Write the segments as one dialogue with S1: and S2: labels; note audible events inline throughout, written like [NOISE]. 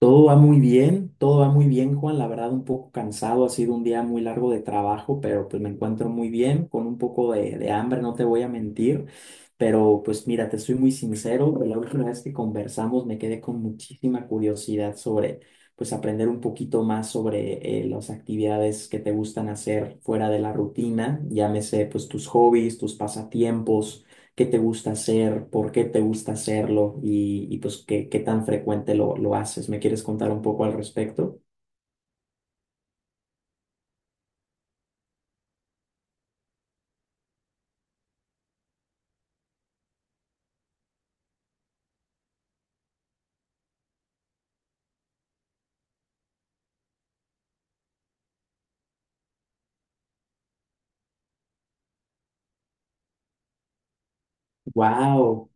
S1: Todo va muy bien, todo va muy bien, Juan. La verdad, un poco cansado, ha sido un día muy largo de trabajo, pero pues me encuentro muy bien, con un poco de hambre, no te voy a mentir. Pero pues mira, te soy muy sincero, la última vez que conversamos me quedé con muchísima curiosidad sobre, pues aprender un poquito más sobre las actividades que te gustan hacer fuera de la rutina, llámese pues tus hobbies, tus pasatiempos, qué te gusta hacer, por qué te gusta hacerlo y pues qué tan frecuente lo haces. ¿Me quieres contar un poco al respecto? Wow,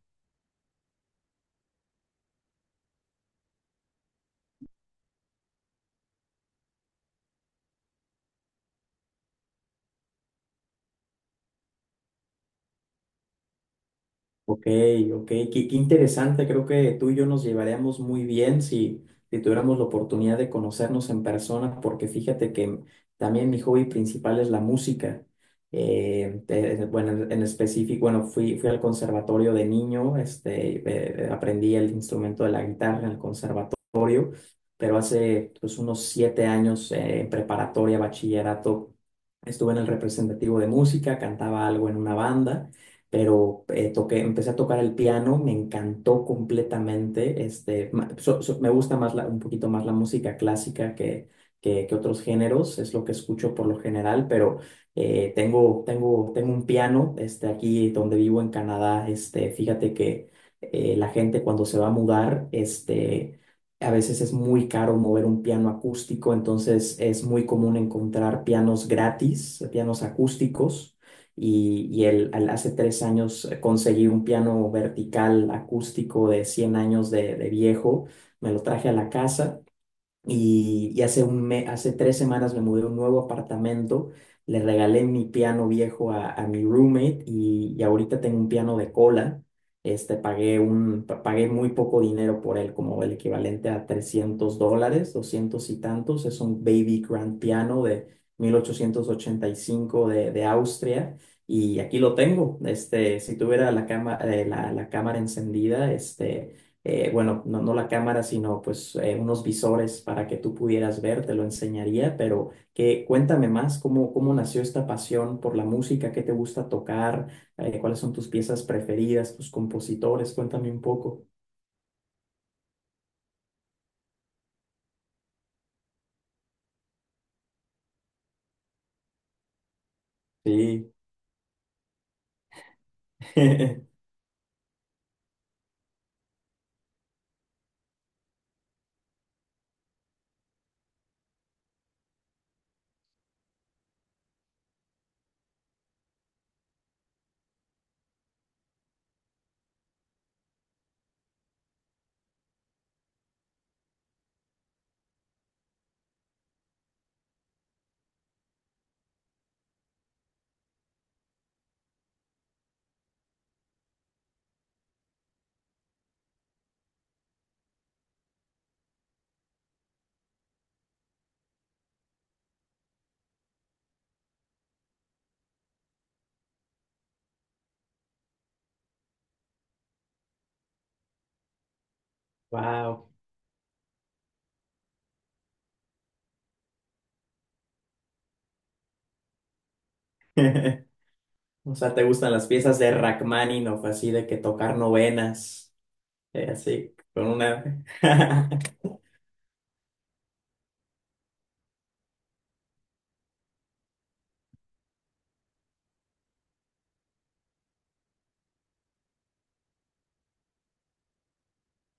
S1: ok, ok, qué interesante. Creo que tú y yo nos llevaríamos muy bien si tuviéramos la oportunidad de conocernos en persona, porque fíjate que también mi hobby principal es la música. Bueno, en específico, bueno, fui al conservatorio de niño, aprendí el instrumento de la guitarra en el conservatorio. Pero hace pues, unos 7 años en preparatoria, bachillerato, estuve en el representativo de música, cantaba algo en una banda, pero empecé a tocar el piano, me encantó completamente, me gusta más un poquito más la música clásica que otros géneros, es lo que escucho por lo general, pero tengo un piano aquí donde vivo en Canadá. Fíjate que. La gente cuando se va a mudar, a veces es muy caro mover un piano acústico, entonces es muy común encontrar pianos gratis, pianos acústicos. Hace 3 años conseguí un piano vertical acústico de 100 años de viejo, me lo traje a la casa y hace 3 semanas me mudé a un nuevo apartamento, le regalé mi piano viejo a mi roommate y ahorita tengo un piano de cola. Pagué muy poco dinero por él, como el equivalente a $300, 200 y tantos. Es un baby grand piano de 1885 de Austria y aquí lo tengo. Si tuviera la cama, la cámara encendida, bueno, no, no la cámara, sino pues unos visores para que tú pudieras ver, te lo enseñaría, pero que cuéntame más cómo nació esta pasión por la música, qué te gusta tocar, cuáles son tus piezas preferidas, tus compositores, cuéntame un poco. Sí, [LAUGHS] wow. [LAUGHS] O sea, ¿te gustan las piezas de Rachmaninoff, así de que tocar novenas, así, con una [LAUGHS]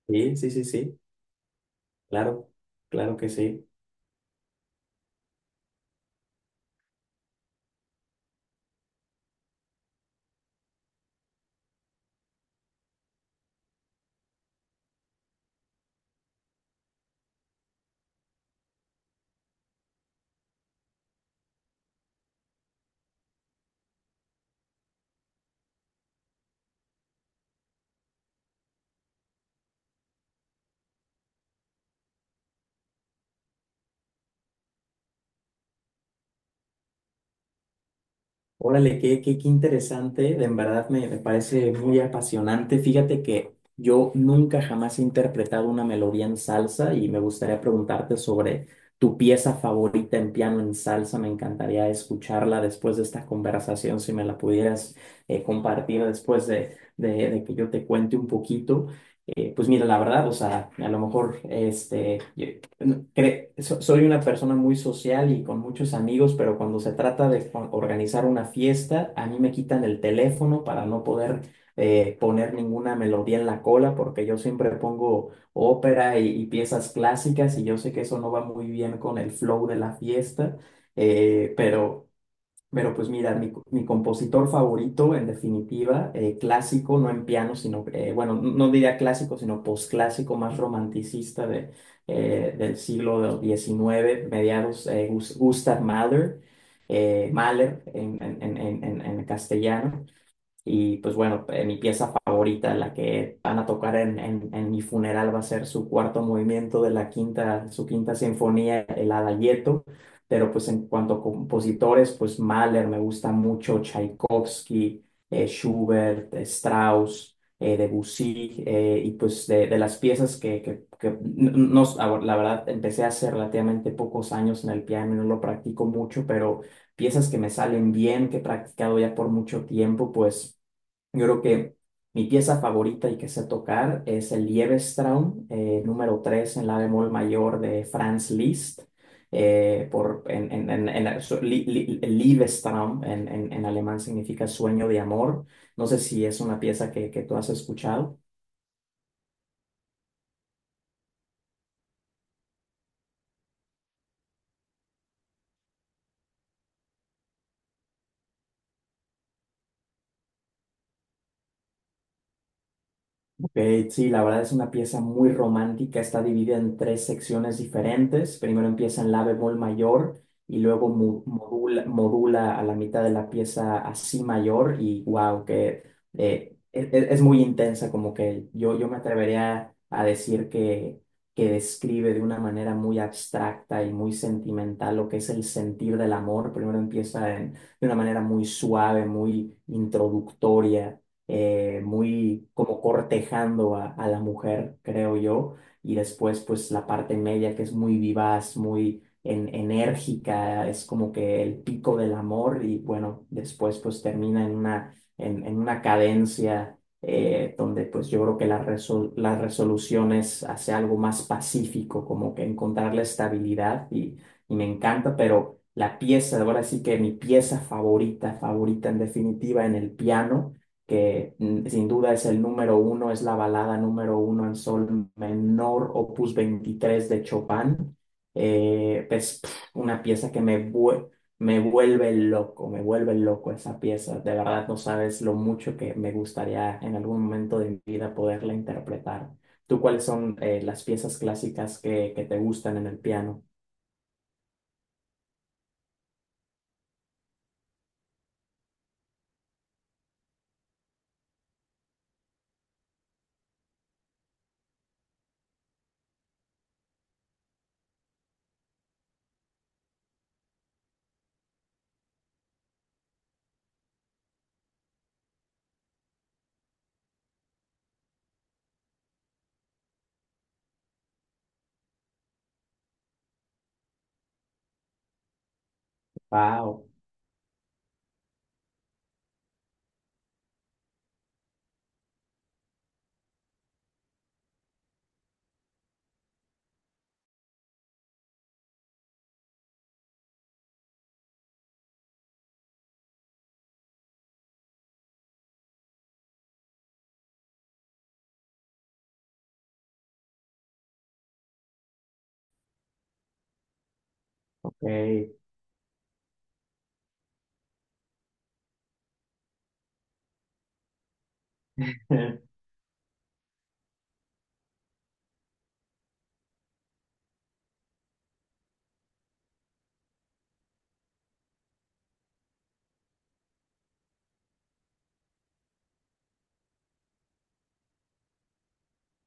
S1: Sí, sí, sí, sí, claro, claro que sí. Órale, qué interesante, de en verdad me parece muy apasionante. Fíjate que yo nunca jamás he interpretado una melodía en salsa y me gustaría preguntarte sobre tu pieza favorita en piano en salsa. Me encantaría escucharla después de esta conversación, si me la pudieras compartir después de que yo te cuente un poquito. Pues mira, la verdad, o sea, a lo mejor no, soy una persona muy social y con muchos amigos, pero cuando se trata de organizar una fiesta, a mí me quitan el teléfono para no poder poner ninguna melodía en la cola, porque yo siempre pongo ópera y piezas clásicas y yo sé que eso no va muy bien con el flow de la fiesta, pero. Pero pues mira, mi compositor favorito, en definitiva, clásico, no en piano, sino, bueno, no diría clásico, sino posclásico, más romanticista de, del siglo XIX, mediados, Gustav Mahler, Mahler en castellano. Y pues bueno, mi pieza favorita, la que van a tocar en mi funeral, va a ser su cuarto movimiento de su quinta sinfonía, el Adagietto. Pero pues en cuanto a compositores, pues Mahler me gusta mucho, Tchaikovsky, Schubert, Strauss, Debussy, y pues de las piezas no, no, la verdad, empecé hace relativamente pocos años en el piano, no lo practico mucho, pero piezas que me salen bien, que he practicado ya por mucho tiempo, pues yo creo que mi pieza favorita y que sé tocar es el Liebestraum, número 3 en la bemol mayor de Franz Liszt. Por, en- Liebestraum en alemán significa sueño de amor. No sé si es una pieza que tú has escuchado. Ok, sí, la verdad es una pieza muy romántica, está dividida en tres secciones diferentes. Primero empieza en la bemol mayor y luego modula a la mitad de la pieza a si mayor y wow, que es muy intensa, como que yo me atrevería a decir que describe de una manera muy abstracta y muy sentimental lo que es el sentir del amor. Primero empieza de una manera muy suave, muy introductoria, muy como cortejando a la mujer, creo yo, y después pues la parte media que es muy vivaz, muy enérgica, es como que el pico del amor y bueno, después pues termina en una cadencia donde pues yo creo que la resolución es hacia algo más pacífico, como que encontrar la estabilidad y me encanta, pero. La pieza, ahora sí que mi pieza favorita, favorita en definitiva en el piano, que sin duda es el número uno, es la balada número uno en sol menor, opus 23 de Chopin. Una pieza me vuelve loco esa pieza. De verdad no sabes lo mucho que me gustaría en algún momento de mi vida poderla interpretar. ¿Tú cuáles son las piezas clásicas que te gustan en el piano? Wow, ok. [LAUGHS]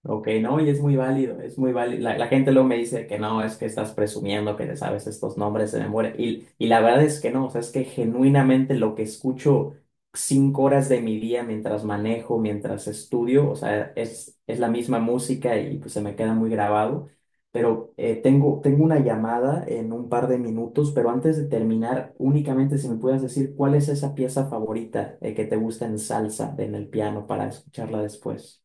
S1: Ok, no, y es muy válido, es muy válido. La gente luego me dice que no, es que estás presumiendo que te sabes estos nombres de memoria. Y la verdad es que no, o sea, es que genuinamente lo que escucho 5 horas de mi día mientras manejo, mientras estudio, o sea, es la misma música y pues se me queda muy grabado. Pero tengo una llamada en un par de minutos, pero antes de terminar, únicamente si me puedes decir cuál es esa pieza favorita que te gusta en salsa, en el piano, para escucharla después.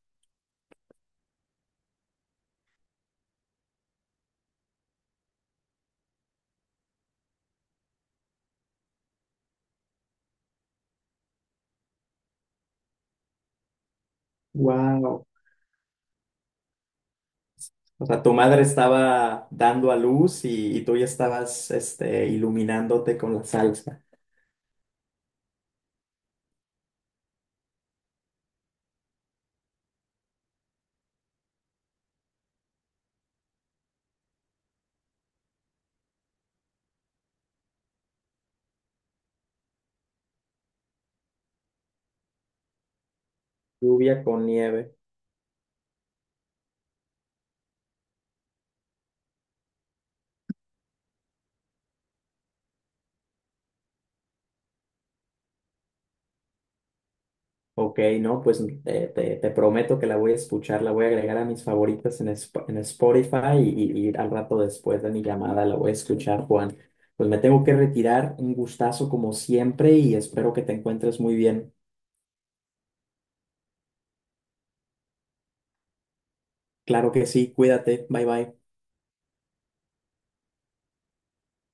S1: Wow. O sea, tu madre estaba dando a luz y tú ya estabas iluminándote con la salsa. Lluvia con nieve. Ok, no, pues te prometo que la voy a escuchar, la voy a agregar a mis favoritas en Spotify y al rato después de mi llamada la voy a escuchar, Juan. Pues me tengo que retirar, un gustazo como siempre y espero que te encuentres muy bien. Claro que sí, cuídate, bye bye.